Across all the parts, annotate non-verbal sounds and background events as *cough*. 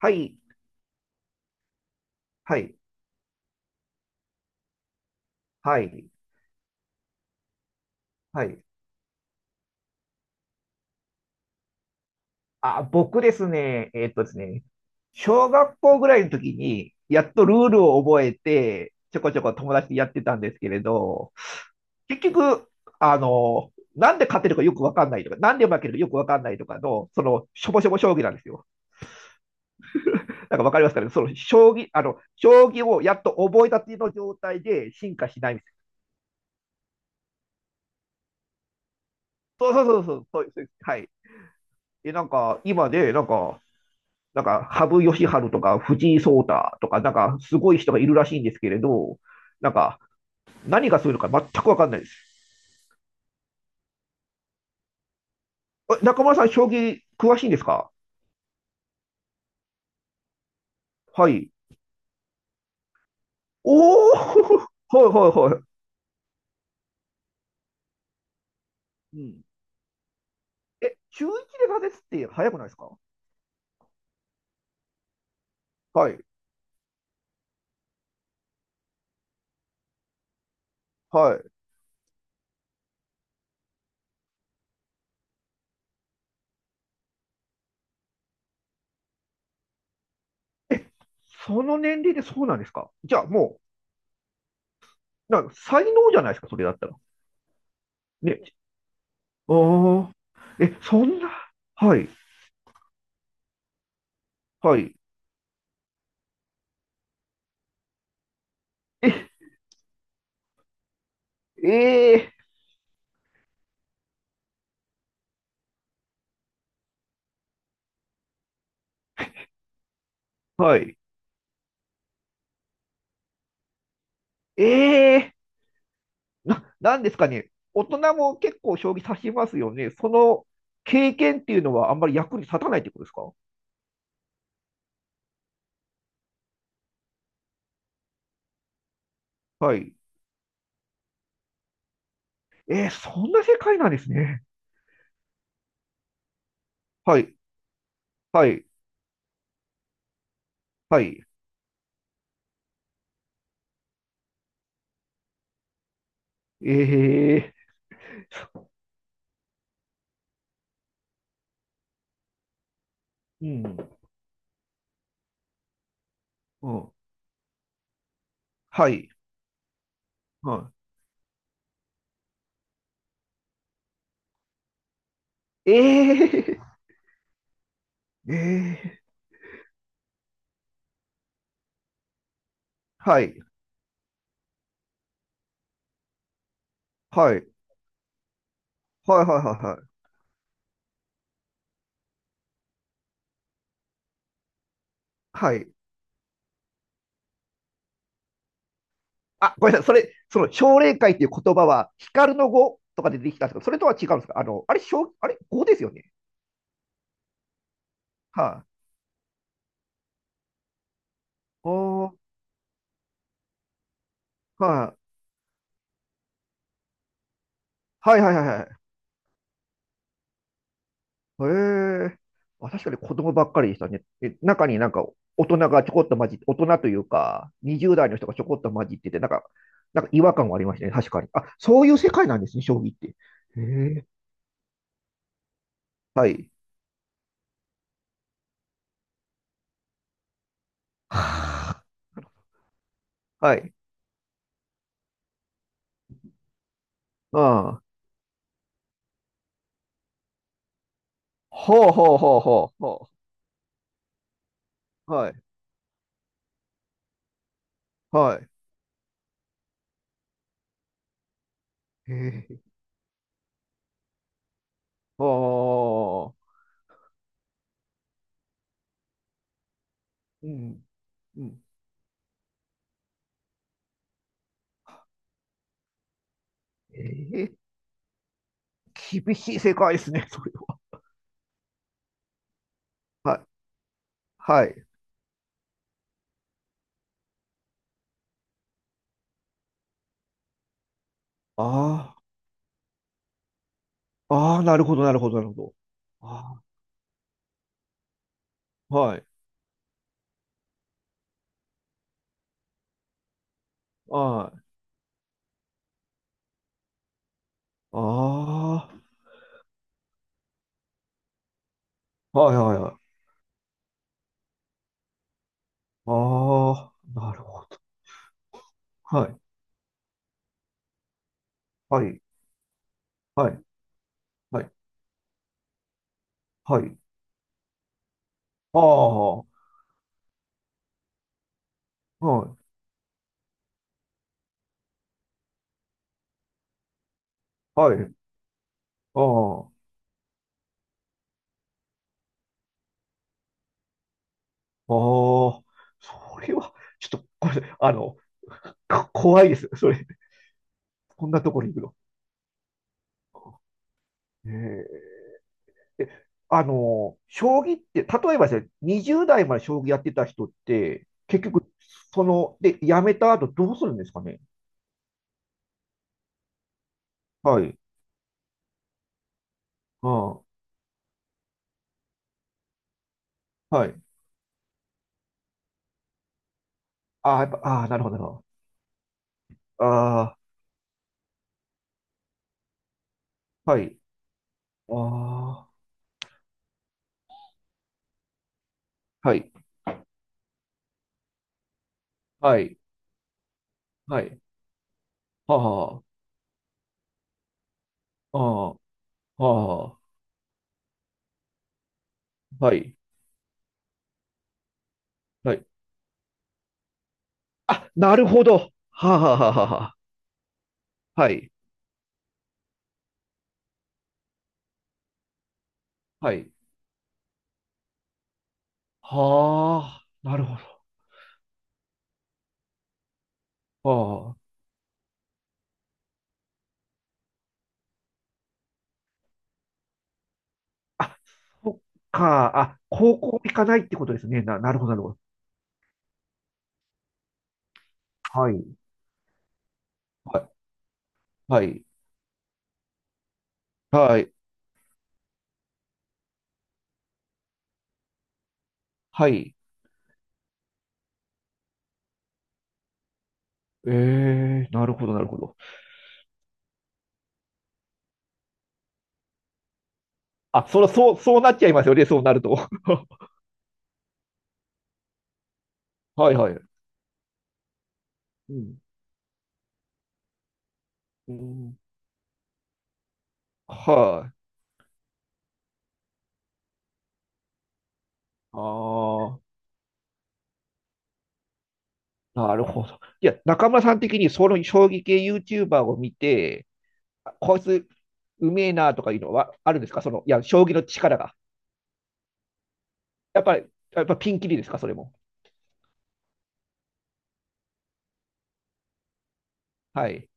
はい、はい、はい、はい。あ、僕ですね、小学校ぐらいの時に、やっとルールを覚えて、ちょこちょこ友達とやってたんですけれど、結局、なんで勝てるかよくわかんないとか、なんで負けるかよくわかんないとかの、その、しょぼしょぼ将棋なんですよ。なんかわかりますかね、その、将棋、将棋をやっと覚えたての状態で進化しないみたいな。そうそうそうそう、そうです、はい。え、なんか、今で、なんか、なんか、羽生善治とか藤井聡太とか、なんか、すごい人がいるらしいんですけれど、なんか、何がするのか全くわかんないです。え、中村さん、将棋詳しいんですか？はい。おお、 *laughs* はいはいはい。うん。え、中1で挫折って早くないですか？はい、はい。え、その年齢でそうなんですか？じゃあもう、なんか才能じゃないですか、それだったら。ね。おー。え、そんな。はい、はい。え、えー、はい。えー、な、なんですかね、大人も結構将棋指しますよね。その経験っていうのはあんまり役に立たないってことですか？はい。えー、そんな世界なんですね。はい、はい、はい。えー、うん、うん、はい、はい。えー、えー、はい、はい、はい、はい、はい、はい。あ、ごめんなさい。それ、その奨励会っていう言葉は、光の語とかでできたんですけど、それとは違うんですか？あれ、奨あれ、語ですよね。はい、おー、はい、はいはいはいはい。へえ。あ、確かに子供ばっかりでしたね。え、中になんか大人がちょこっと混じって、大人というか、20代の人がちょこっと混じってて、なんか、なんか違和感がありましたね。確かに。あ、そういう世界なんですね、将棋って。へえ。はい。はあ、はい。うん。ほうほうほうほうほう。はい。はい。へえ。はあ。うん。うん。ええ。厳しい世界ですね、それは。はい。はい。ああ。ああ、なるほど、なるほど、なるほど。ああ、はい。はい。ああ、はい、はい、はい。ああ、なるほど。はい。はい。はい。はい。はい。ああ、はい。はい。ああ、ああ、それは、ちょっと、これ、こ怖いです。それ、こんなところに行くの。ええ、え、将棋って、例えばですね、20代まで将棋やってた人って、結局、その、で、やめた後どうするんですかね。はい。うん。はい。ああ、やっぱ、ああ、なるほど、なるほど。ああ、はい。ああ、はい。はい。はい。はあ、ああ、ああ、はい。はい。あ、なるほど。はあ、はあ、はあ、はあ。はい。はい。はあ、なるほど。ああ。あ、そっか。あ、高校行かないってことですね。な、なるほど、なるほど。はい。はい。はい。はい。ええー、なるほど、なるほど。あ、そら、そう、そうなっちゃいますよね。そうなると。*laughs* はい、はい。うん、うん、はい、ああ、なるほど。いや、中村さん的にその将棋系 YouTuber を見て、あ、こいつうめえなとかいうのはあるんですか？その、いや、将棋の力が。やっぱり、やっぱピンキリですか、それも。はい。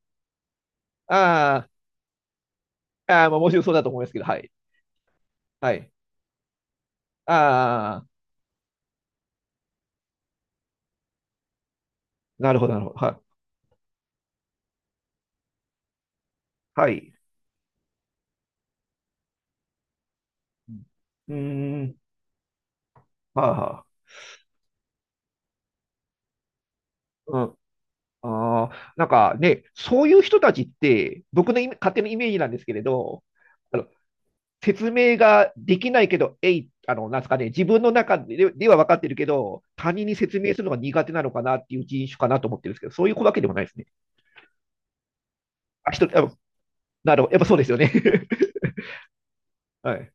ああ、ああ、まあ、もちろんそうだと思いますけど、はい。はい。ああ、なるほど、なるほど。はい。はい。うん。うーん、はあ、はあ、うん。ああ、なんかね、そういう人たちって、僕のイメ勝手なイメージなんですけれど、あの、説明ができないけど、えい、なんですかね、自分の中ででは分かってるけど、他人に説明するのが苦手なのかなっていう人種かなと思ってるんですけど、そういうわけでもないですね。あ、一人、あ、なるほど、やっぱそうですよね。*laughs* はい。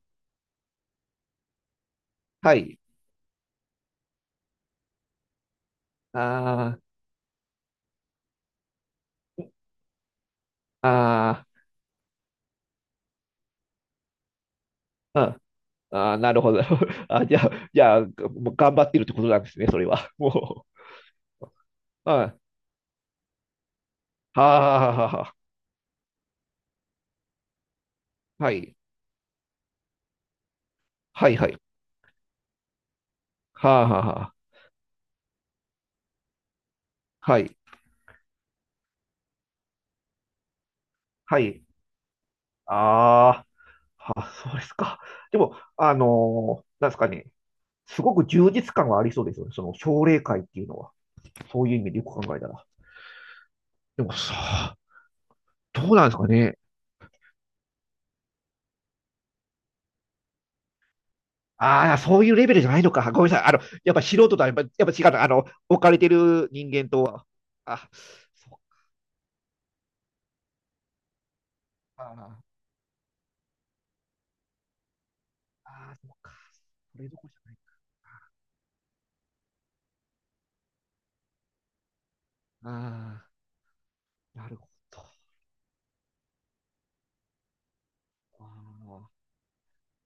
はい。あー、あー、うん。あー、なるほど。*laughs* あ、じゃあ、じゃあ、もう頑張ってるってことなんですね、それは。*laughs* もう。はい。はあ、はあ、はあ。はい。はい、はい。はあ、はあ、はあ。はい。はい。ああ。あ、そうですか。でも、あのー、なんですかね、すごく充実感はありそうですよね。その奨励会っていうのは、そういう意味でよく考えたら。でもさ、どうなんですかね。ああ、そういうレベルじゃないのか。ごめんなさい。やっぱ素人とはやっぱ、やっぱ違うの。あの、置かれてる人間とは。あ、そっか。ああ、そっか。それどころじゃない。ああ、なるほど。ああ。